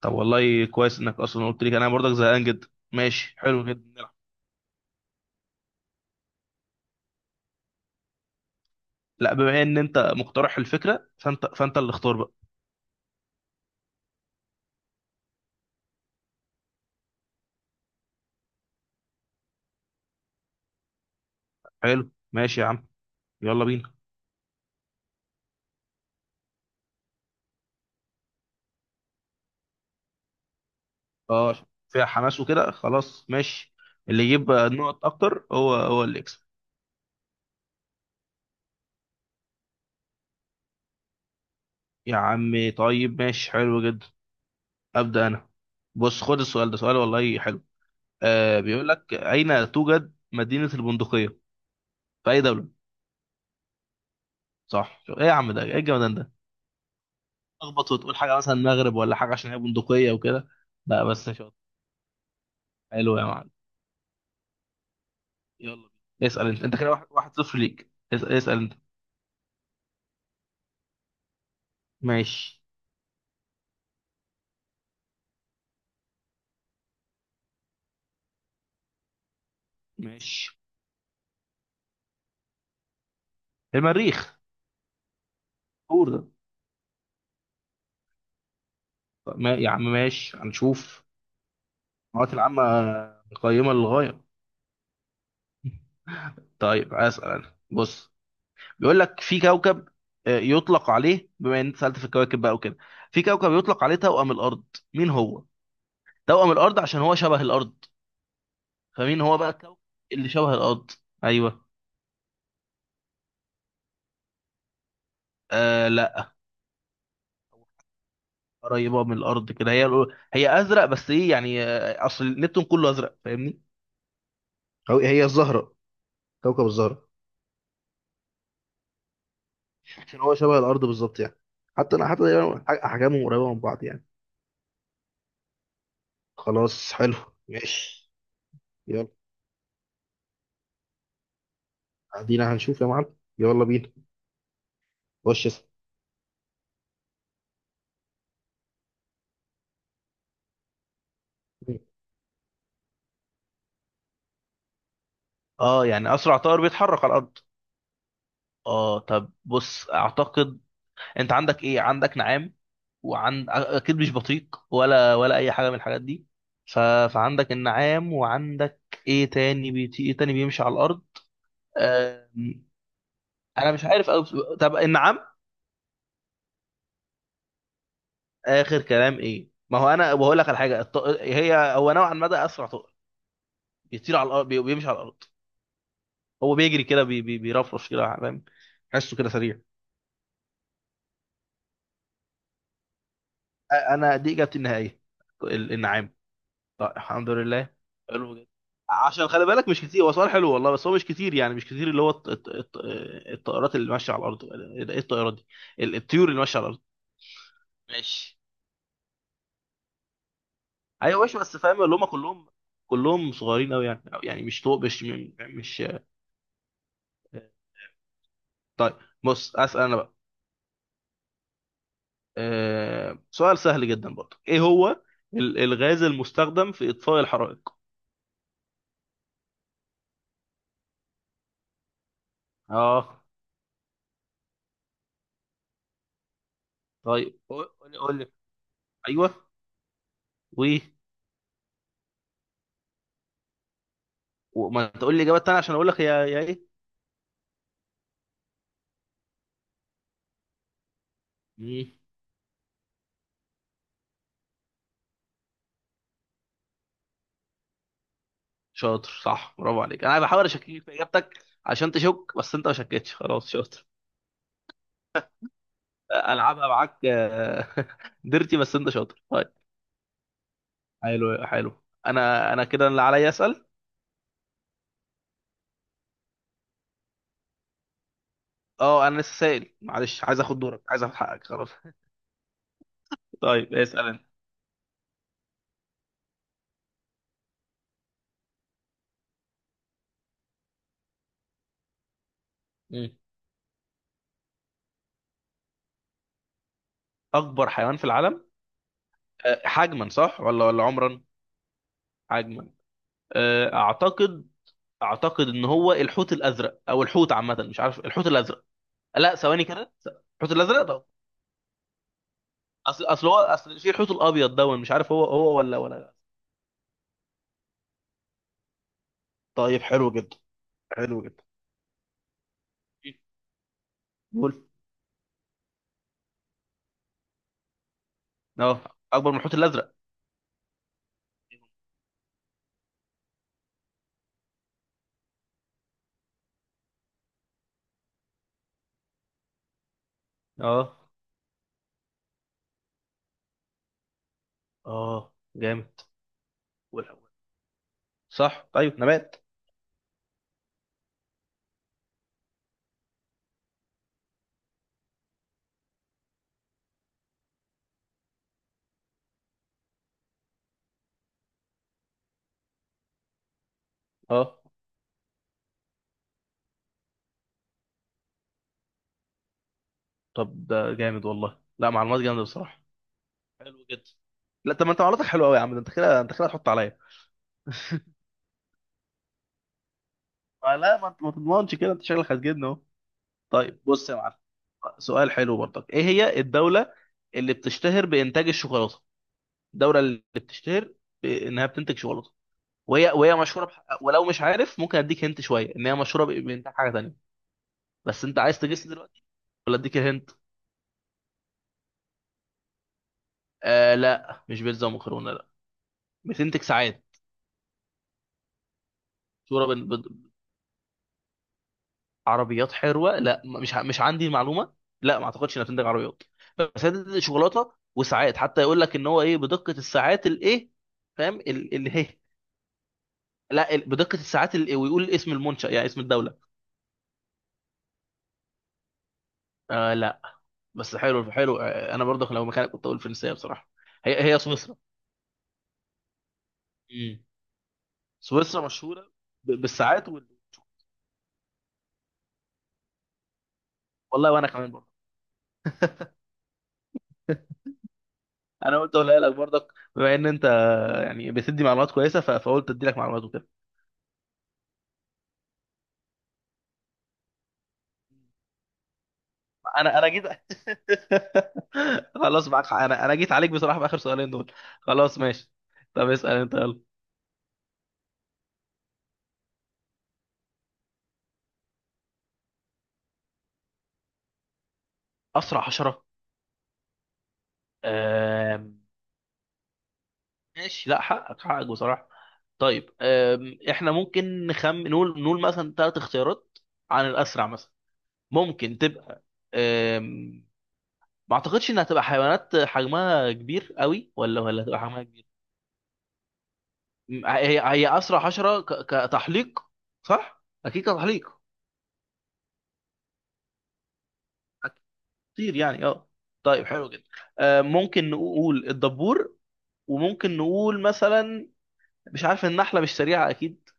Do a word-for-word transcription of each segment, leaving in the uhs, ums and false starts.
طب والله كويس انك اصلا قلت لي انا برضك زهقان جدا. ماشي، حلو جدا، نلعب. لا، بما ان انت مقترح الفكره فانت فانت اللي اختار بقى. حلو ماشي يا عم، يلا بينا. اه، فيها حماس وكده، خلاص ماشي. اللي يجيب نقط اكتر هو هو اللي يكسب. يا عم طيب ماشي حلو جدا. ابدا انا. بص، خد السؤال ده، سؤال والله حلو. آه بيقول لك اين توجد مدينه البندقيه؟ في اي دوله؟ صح! ايه يا عم، ده ايه الجمدان ده؟ تخبط وتقول حاجه مثلا مغرب ولا حاجه، عشان هي بندقيه وكده. لا بس شاطر، حلو يا معلم. يلا بينا. اسال انت، انت كده واحد، واحد صفر ليك، اسال, اسال انت. ماشي. ماشي. المريخ. كور ده! طب ما يا عم ماشي هنشوف. المعلومات العامه قيمه للغايه. طيب اسال انا. بص بيقول لك، في كوكب، آه، يطلق عليه، بما ان انت سالت في الكواكب بقى وكده، في كوكب يطلق عليه توأم الارض. مين هو؟ توأم الارض عشان هو شبه الارض. فمين هو بقى الكوكب اللي شبه الارض؟ ايوه. آه لا. قريبه من الارض كده هي. هي ازرق بس ايه يعني، آه، اصل نبتون كله ازرق، فاهمني. هو هي الزهره، كوكب الزهره. عشان هو شبه الارض بالظبط يعني. حتى انا، حتى يعني ح- احجامهم قريبه من بعض يعني. خلاص، حلو، ماشي. يلا ادينا هنشوف يا معلم، يلا بينا. خش اسأل. اه يعني اسرع طائر بيتحرك على الارض. اه طب بص، اعتقد. انت عندك ايه؟ عندك نعام، وعند اكيد مش بطيق ولا ولا اي حاجه من الحاجات دي. ف... فعندك النعام، وعندك ايه تاني بيطيق، ايه تاني بيمشي على الارض؟ آه... انا مش عارف أو... طب النعام. اخر كلام ايه؟ ما هو انا بقول لك على حاجه الط... هي هو نوعا ما ده اسرع طائر بيطير على الارض بي... بيمشي على الارض. هو بيجري كده بي... بي... بيرفرش كده فاهم، حسه كده سريع. آه، انا دي اجابتي النهائيه. ال- النعام. طيب الحمد لله. حلو جدا. عشان خلي بالك، مش كتير، هو سؤال حلو والله بس هو مش كتير يعني، مش كتير اللي هو الط- الط- الط- الطائرات اللي ماشيه على الارض. ايه الطائرات دي، ال- الطيور اللي ماشيه على الارض. ماشي. ايوه ماشي، بس فاهم اللي هم كلهم، كلهم صغيرين قوي يعني، أو يعني مش طو مش مش. طيب، بص اسال انا بقى. أه سؤال سهل جدا برضه، ايه هو ال- الغاز المستخدم في اطفاء الحرائق؟ اه طيب قول قول لي قول لي. ايوه. و. وما تقول لي اجابه تانية عشان اقول لك، هي هي إيه؟ مم. شاطر، صح، برافو عليك، انا بحاول اشكك في اجابتك عشان تشك بس انت ما شكتش، خلاص شاطر. العبها معاك آه، ديرتي بس انت شاطر. طيب حلو حلو، انا انا كده اللي عليا اسال. اه انا لسه سائل، معلش عايز اخد دورك، عايز اخد حقك، خلاص. طيب اسال انت. مم. اكبر حيوان في العالم. أه، حجما صح ولا ولا عمرا؟ حجما. أه، اعتقد اعتقد ان هو الحوت الازرق، او الحوت عامه، مش عارف، الحوت الازرق. لا ثواني كده. الحوت الازرق ده، اصل اصل هو اصل في الحوت الابيض ده، مش عارف هو هو ولا ولا. طيب حلو جدا. حلو جدا. قول. اه، اكبر من الحوت الازرق. اه. اه جامد. ولا- صح طيب نبات. اه طب ده جامد والله، لا معلومات جامده بصراحه. حلو جدا. لا طب ما انت معلوماتك حلوه قوي يا عم، ده انت كده، انت كده هتحط عليا. آه، لا ما انت ما تضمنش كده، انت شكلك هتجيبني اهو. طيب بص يا معلم، سؤال حلو برضك. ايه هي الدوله اللي بتشتهر بانتاج الشوكولاته؟ الدوله اللي بتشتهر انها بتنتج شوكولاته، وهي وهي مشهوره بح... ولو مش عارف ممكن اديك هنت شويه، ان هي مشهوره ب- بانتاج حاجه تانيه. بس انت عايز تجس دلوقتي ولا اديك الهنت؟ آه لا، مش بيتزا ومكرونه لا. بتنتج ساعات. مشهوره بن... ب... عربيات حلوه لا، م- مش ع- مش عندي المعلومه. لا ما اعتقدش انها بتنتج عربيات. بس هي بتنتج شوكولاته وساعات، حتى يقول لك ان هو ايه، بدقه الساعات الايه، فاهم ال- اللي هي. لا ال- بدقه الساعات ال- إيه، ويقول اسم المنشأ يعني اسم الدوله. آه لا. بس حلو حلو، انا برضه لو مكانك كنت اقول فرنسيه بصراحه. هي هي سويسرا. امم. سويسرا مشهوره ب- بالساعات وال... والله وانا كمان برضه. انا قلت اقولها لك برضك، بما ان انت يعني بتدي معلومات كويسه، ف- فقلت ادي لك معلومات وكده. انا انا جيت. خلاص معاك حق. انا انا جيت عليك بصراحه في اخر سؤالين دول. خلاص ماشي. طب اسال انت يلا. اسرع حشره. ماشي، لا حقك حقك بصراحة. طيب أم، احنا ممكن نخم نقول نقول مثلا ثلاث اختيارات عن الأسرع مثلا، ممكن تبقى. أم، ما اعتقدش انها تبقى حيوانات حجمها كبير قوي، ولا ولا تبقى حجمها كبير. م، هي هي أسرع حشرة ك- كتحليق، صح؟ أكيد كتحليق كتير يعني اه. طيب حلو جدا. أم، ممكن نقول الدبور، وممكن نقول مثلا، مش عارف، النحلة مش سريعة أكيد.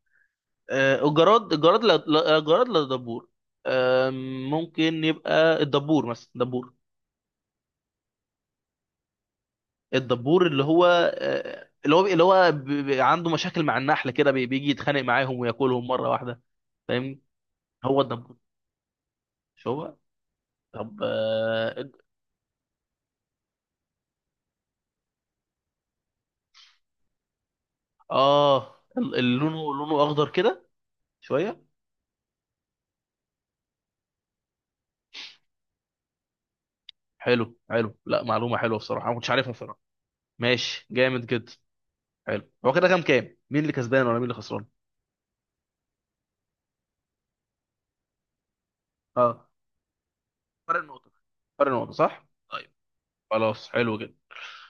آه، الجراد، الجراد لا، لا- الجراد لا، دبور. آم، ممكن يبقى الدبور مثلا، دبور. الدبور اللي هو، آه، اللي هو اللي هو ب- ب- عنده مشاكل مع النحل كده، بي- بيجي يتخانق معاهم وياكلهم مرة واحدة، فاهمني. هو الدبور. مش هو. طب اه. آه، ال- ال- لونه لونه اخضر كده شوية. حلو حلو، لا معلومة حلوة بصراحة، أنا ما كنتش عارفها بصراحة. ماشي جامد جدا. حلو، هو كده كام كام، مين اللي كسبان ولا مين اللي خسران؟ اه فرق نقطة. فرق نقطة صح. خلاص حلو جدا.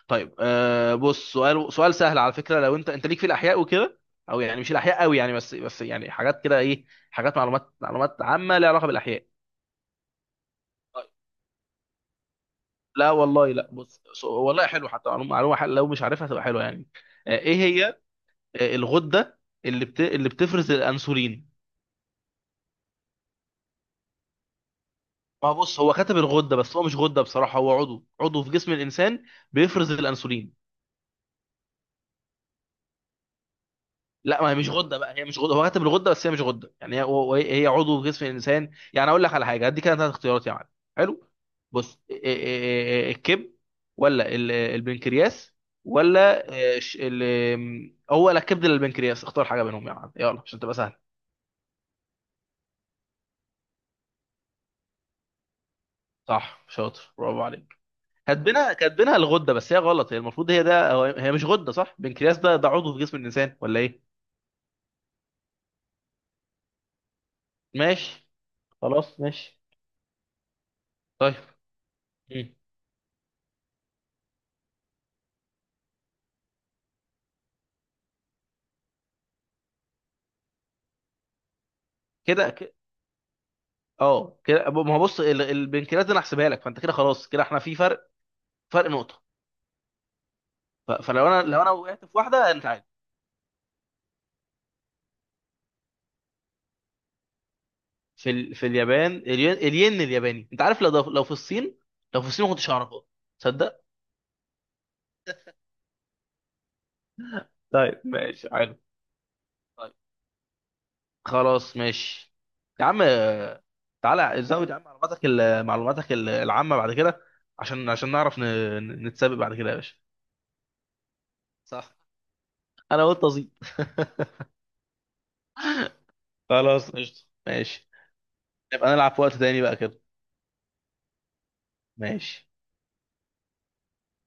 طيب آه بص سؤال، سؤال سهل على فكره لو انت، انت ليك في الاحياء وكده، او يعني مش الاحياء قوي يعني، بس بس يعني حاجات كده، ايه، حاجات معلومات، معلومات عامه ليها علاقه بالاحياء. طيب لا والله لا، بص سو- والله حلو، حتى معلومه، معلومه حلوة، لو مش عارفها تبقى حلوه يعني. آه ايه هي، آه الغده اللي بت... اللي بتفرز الانسولين؟ ما هو بص هو كتب الغده، بس هو مش غده بصراحه، هو عضو، عضو في جسم الانسان بيفرز الانسولين. لا ما هي مش غده بقى، هي مش غده، هو كاتب الغده بس هي مش غده يعني، هي وهي- هي عضو في جسم الانسان، يعني اقول لك على حاجه هدي كده ثلاث اختيارات يا معلم. حلو. بص إيه- إيه- إيه- إيه، إيه، الكبد، ولا ال- البنكرياس، ولا. آه، ش- ال- هو لا الكبد ولا البنكرياس، اختار حاجه بينهم يا معلم يلا، عشان تبقى سهله. صح شاطر، برافو عليك. كاتبينها، كاتبينها الغده بس هي غلط، هي المفروض هي ده هو- هي مش غده صح، البنكرياس ده، ده عضو في جسم الانسان ولا ايه؟ ماشي. خلاص ماشي. طيب. مم. كده. اه كده، ما هو بص ال- البنكرياس ده انا هحسبها لك، فانت كده خلاص كده احنا في فرق، فرق نقطه. ف- فلو انا، لو انا وقعت في واحده انت عادي. في ال... في اليابان الين، الين الياباني انت عارف، لو لو في الصين، لو في الصين ما كنتش اعرفها، تصدق. طيب ماشي حلو. طيب خلاص ماشي. يا عم آه، تعالى زود يا عم معلوماتك ال- معلوماتك ال- العامه بعد كده، عشان عشان نعرف ن... ن- نتسابق بعد كده يا باشا. صح، انا قلت ازيد. خلاص قشطه، ماشي. نبقى نلعب في وقت تاني بقى كده. ماشي.